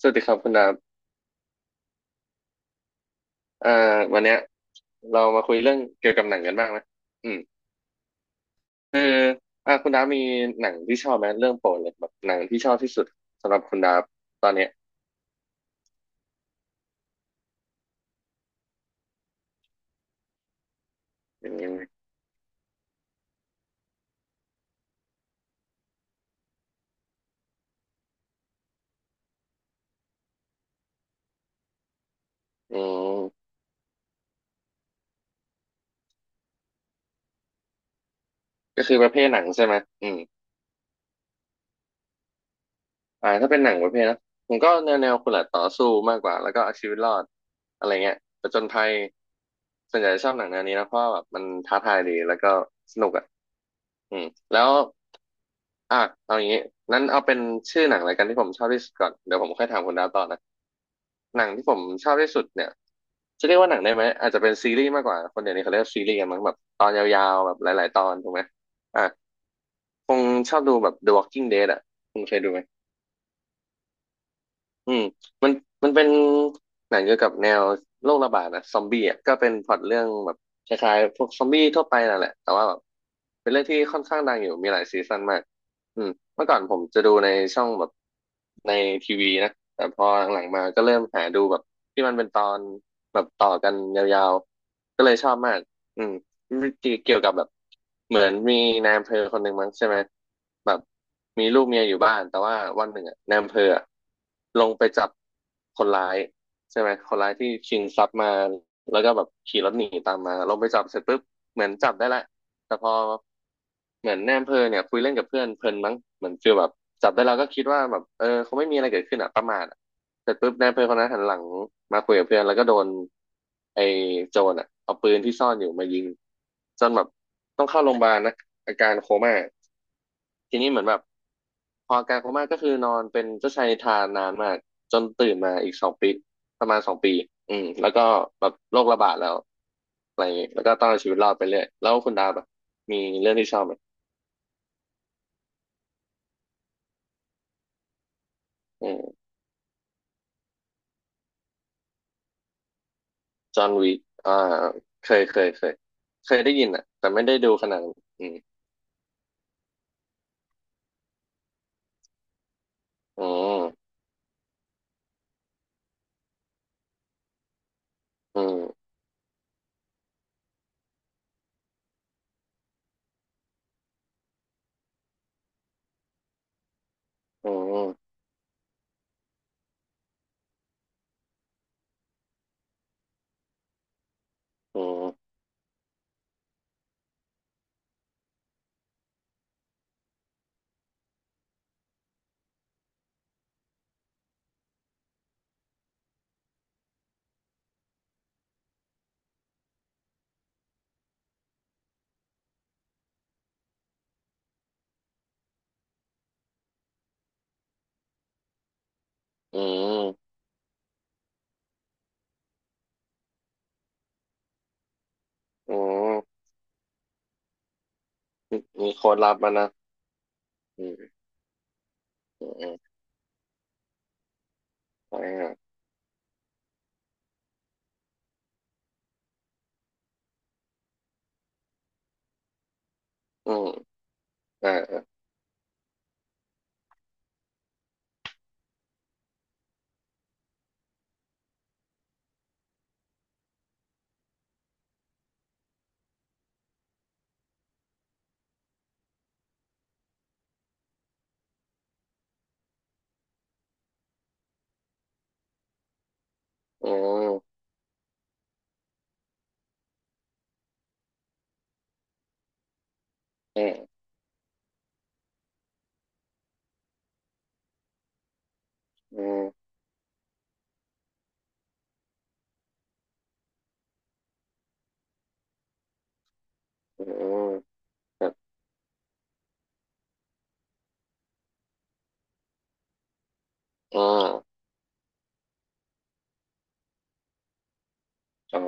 สวัสดีครับคุณดาบเอ่อวันเนี้ยเรามาคุยเรื่องเกี่ยวกับหนังกันบ้างไหมอืมคือคุณดาบมีหนังที่ชอบไหมเรื่องโปรดเลยแบบหนังที่ชอบที่สุดสำหรับคุณดาบตอนเนี้ยอืมอืมก็คือประเภทหนังใช่ไหมอืมถ้าเป็นหนังประเภทนะผมก็แนวคุณละต่อสู้มากกว่าแล้วก็เอาชีวิตรอดอะไรเงี้ยผจญภัยส่วนใหญ่ชอบหนังแนวนี้นะเพราะว่าแบบมันท้าทายดีแล้วก็สนุกอ่ะอืมแล้ว อ่ะเอาอย่างนี้นั้นเอาเป็นชื่อหนังอะไรายกันที่ผมชอบที่สุดก่อนเดี๋ยวผมค่อยถามคุณดาวต่อนะหนังที่ผมชอบที่สุดเนี่ยจะเรียกว่าหนังได้ไหมอาจจะเป็นซีรีส์มากกว่าคนเดี๋ยวนี้เขาเรียกซีรีส์กันมั้งแบบตอนยาวๆแบบหลายๆตอนถูกไหมอ่ะคงชอบดูแบบ The Walking Dead อ่ะคุณเคยดูไหม อืมมันมันเป็นหนังเกี่ยวกับแนวโรคระบาดนะซอมบี้อ่ะก็เป็นพล็อตเรื่องแบบคล้ายๆพวกซอมบี้ทั่วไปนั่นแหละแต่ว่าแบบเป็นเรื่องที่ค่อนข้างดังอยู่มีหลายซีซั่นมากอืมเมื่อก่อนผมจะดูในช่องแบบในทีวีนะแต่พอหลังๆมาก็เริ่มหาดูแบบที่มันเป็นตอนแบบต่อกันยาวๆก็เลยชอบมากอืม เกี่ยวกับแบบเหมือนมีนายอำเภอคนหนึ่งมั้งใช่ไหมแบบมีลูกเมียอยู่บ้านแต่ว่าวันหนึ่งอะนายอำเภออะลงไปจับคนร้ายใช่ไหมคนร้ายที่ชิงทรัพย์มาแล้วก็แบบขี่รถหนีตามมาลงไปจับเสร็จปุ๊บเหมือนจับได้แหละแต่พอ เหมือนแนมเพอเนี่ยคุยเล่นกับเพื่อนเพลินมั้งเหมือนฟีลแบบจับได้เราก็คิดว่าแบบเออเขาไม่มีอะไรเกิดขึ้นอ่ะประมาทอะเสร็จปุ๊บแนมำเภอคนนั้นหันหลังมาคุยกับเพื่อนแล้วก็โดนไอ้โจรอ่ะเอาปืนที่ซ่อนอยู่มายิงจนแบบต้องเข้าโรงพยาบาลนะอาการโคม่าทีนี้เหมือนแบบพออาการโคม่าก็คือนอนเป็นเจ้าชายนิทรานนานมากจนตื่นมาอีกสองปีประมาณสองปีอืมแล้วก็แบบโรคระบาดแล้วอะไรอย่างงี้แล้วก็ต้องเอาชีวิตรอดไปเรื่อยแล้วคุณดาบอะมีเรื่องที่ชอบไหม อืมจอห์นวิกอ่าเคยเคยได้ยินอ่ะแต่ไม่ได้ดูขนาดนั้นอืมอืมอืมอืมอืมอืมอืมมีโค้ดลับมานะอืมอืมอืมอ่าอืมอ่าอืมอืมอืมอืมครับอ๋ออ๋อ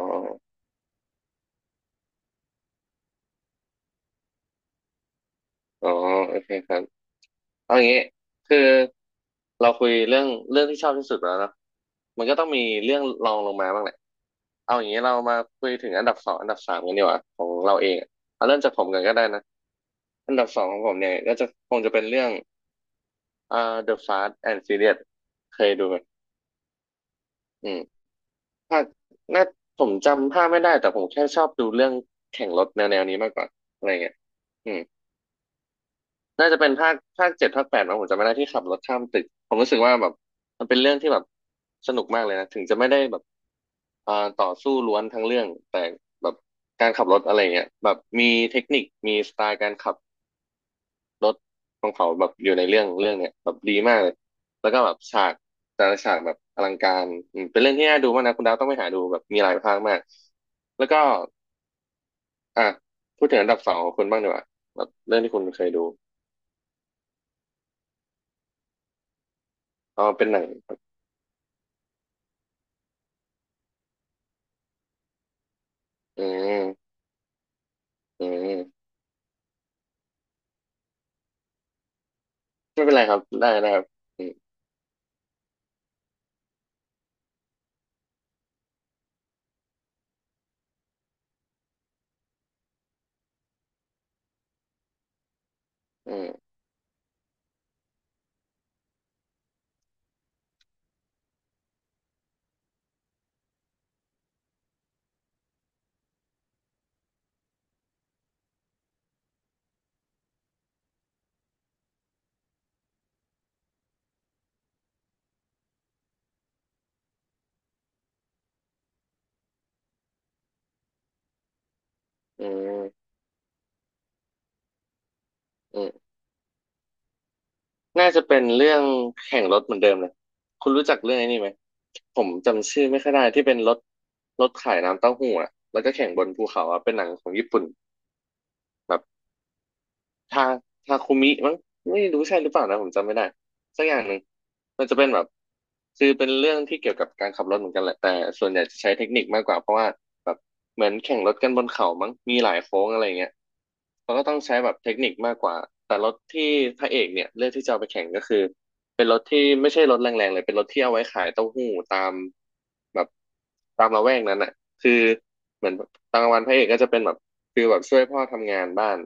อ๋อโอเคครับ เอางี้คือเราคุยเรื่องที่ชอบที่สุดไปแล้วเนอะมันก็ต้องมีเรื่องรองลงมาบ้างแหละเอาอย่างนี้เรามาคุยถึงอันดับสองอันดับสามกันดีกว่าของเราเองอะเอาเริ่มจากผมกันก็ได้นะอันดับสองของผมเนี่ยก็จะคงจะเป็นเรื่องอ่า The Fast and Furious เคยดูไหมอืมภาคน่าผมจำภาคไม่ได้แต่ผมแค่ชอบดูเรื่องแข่งรถแนวนี้มากกว่าอะไรเงี้ย น่าจะเป็นภาคเจ็ดภาคแปดมั้งผมจำไม่ได้ที่ขับรถข้ามตึกผมรู้สึกว่าแบบมันเป็นเรื่องที่แบบสนุกมากเลยนะถึงจะไม่ได้แบบต่อสู้ล้วนทั้งเรื่องแต่แบบการขับรถอะไรเงี้ยแบบมีเทคนิคมีสไตล์การขับรถของเขาแบบอยู่ในเรื่องเนี้ยแบบดีมากเลยแล้วก็แบบฉากแต่ละฉากแบบอลังการอืมเป็นเรื่องที่น่าดูมากนะคุณดาวต้องไปหาดูแบบมีหลายภาคมากแล้วก็อ่ะพูดถึงอันดับสองของคุณบ้างดีกว่าแบบเรื่องที่คุณเคยดูอ๋อเป็นหนังอืม อืมไม่เป็นไรครับได้ได้ครับอืมอืมอืมอืมน่าจะเป็นเรื่องแข่งรถเหมือนเดิมเลยคุณรู้จักเรื่องไอ้นี้ไหมผมจำชื่อไม่ค่อยได้ที่เป็นรถขายน้ำเต้าหู้อะแล้วก็แข่งบนภูเขาอะเป็นหนังของญี่ปุ่น ทาทาคุมิมั้งไม่รู้ใช่หรือเปล่านะผมจำไม่ได้สักอย่างหนึ่งมันจะเป็นแบบคือเป็นเรื่องที่เกี่ยวกับการขับรถเหมือนกันแหละแต่ส่วนใหญ่จะใช้เทคนิคมากกว่าเพราะว่าแบบเหมือนแข่งรถกันบนเขามั้งมีหลายโค้งอะไรเงี้ยเขาก็ต้องใช้แบบเทคนิคมากกว่าแต่รถที่พระเอกเนี่ยเลือกที่จะเอาไปแข่งก็คือเป็นรถที่ไม่ใช่รถแรงๆเลยเป็นรถที่เอาไว้ขายเต้าหู้ตามแบบตามละแวกนั้นอ่ะ คือเหมือนตอนกลางวันพระเอกก็จะเป็นแบบคือแบบช่วยพ่อทำงานบ้าน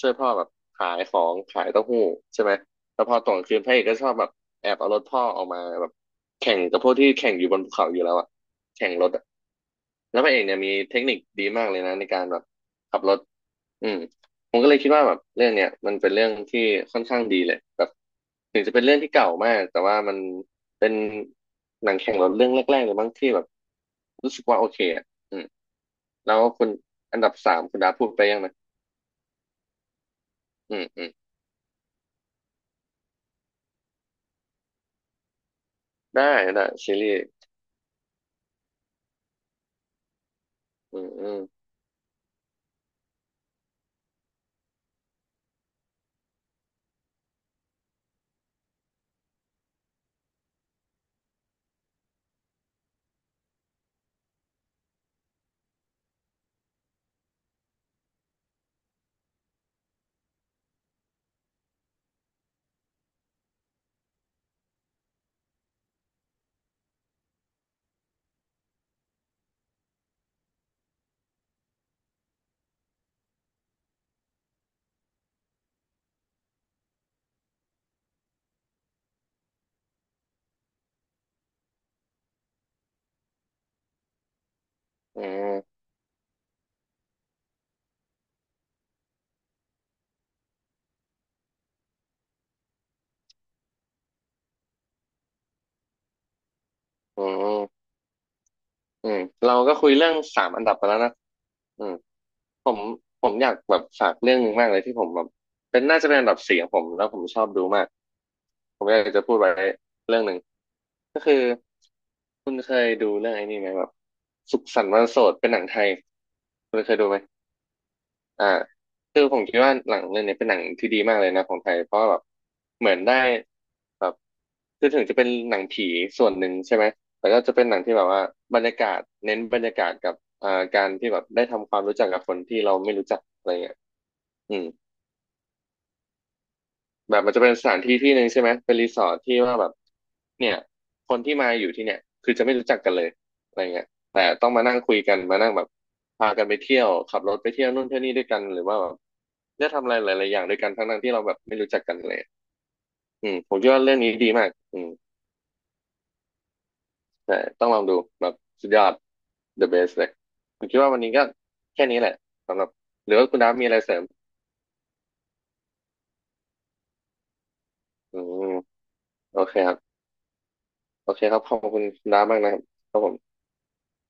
ช่วยพ่อแบบขายของขายเต้าหู้ใช่ไหมแล้วพอตอนกลางคืนพระเอกก็ชอบแบบแอบเอารถพ่อออกมาแบบแข่งกับพวกที่แข่งอยู่บนภูเขาอยู่แล้วอะแข่งรถอะแล้วพระเอกเนี่ยมีเทคนิคดีมากเลยนะในการแบบขับรถอืมผมก็เลยคิดว่าแบบเรื่องเนี้ยมันเป็นเรื่องที่ค่อนข้างดีเลยแบบถึงจะเป็นเรื่องที่เก่ามากแต่ว่ามันเป็นหนังแข่งรถเรื่องแรกๆเลยบ้างที่แบบรู้สึกว่าโอเคอะ อืมแล้วคุณอันดับสามคุณดาพูดไปยังนะอืมอืมได้ได้ซีรีส์อืมอืมอืมอืมอืมเราก็คุยเรื่องสามอันดับไปแล้วนะอืมผมผมอยากแบบฝากเรื่องหนึงมากเลยที่ผมแบบเป็นน่าจะเป็นอันดับสี่ของผมแล้วผมชอบดูมากผมอยากจะพูดไว้เรื่องหนึ่งก็คือคุณเคยดูเรื่องไอ้นี่ไหมแบบสุขสันต์วันโสดเป็นหนังไทยคุณเคยดูไหม อ่าคือผมคิดว่าหนังเรื่องนี้เป็นหนังที่ดีมากเลยนะของไทยเพราะแบบเหมือนได้แบบคือถึงจะเป็นหนังผีส่วนหนึ่งใช่ไหมแต่ก็จะเป็นหนังที่แบบว่าบรรยากาศเน้นบรรยากาศกับการที่แบบได้ทำความรู้จักกับคนที่เราไม่รู้จักอะไรเงี้ยอืม แบบมันจะเป็นสถานที่ที่หนึ่งใช่ไหมเป็นรีสอร์ทที่ว่าแบบเนี่ยคนที่มาอยู่ที่เนี่ยคือจะไม่รู้จักกันเลยอะไรเงี้ยแต่ต้องมานั่งคุยกันมานั่งแบบพากันไปเที่ยวขับรถไปเที่ยวนู่นเที่ยวนี่ด้วยกันหรือว่าแบบได้ทำอะไรหลายๆอย่างด้วยกันทั้งๆที่เราแบบไม่รู้จักกันเลยอืมผมคิดว่าเรื่องนี้ดีมากอืมแต่ต้องลองดูแบบสุดยอด the best เลยผมคิดว่าวันนี้ก็แค่นี้แหละสำหรับหรือว่าคุณดาฟมีอะไรเสริมอืมโอเคครับโอเคครับขอบคุณคุณดาฟมากนะครับครับผม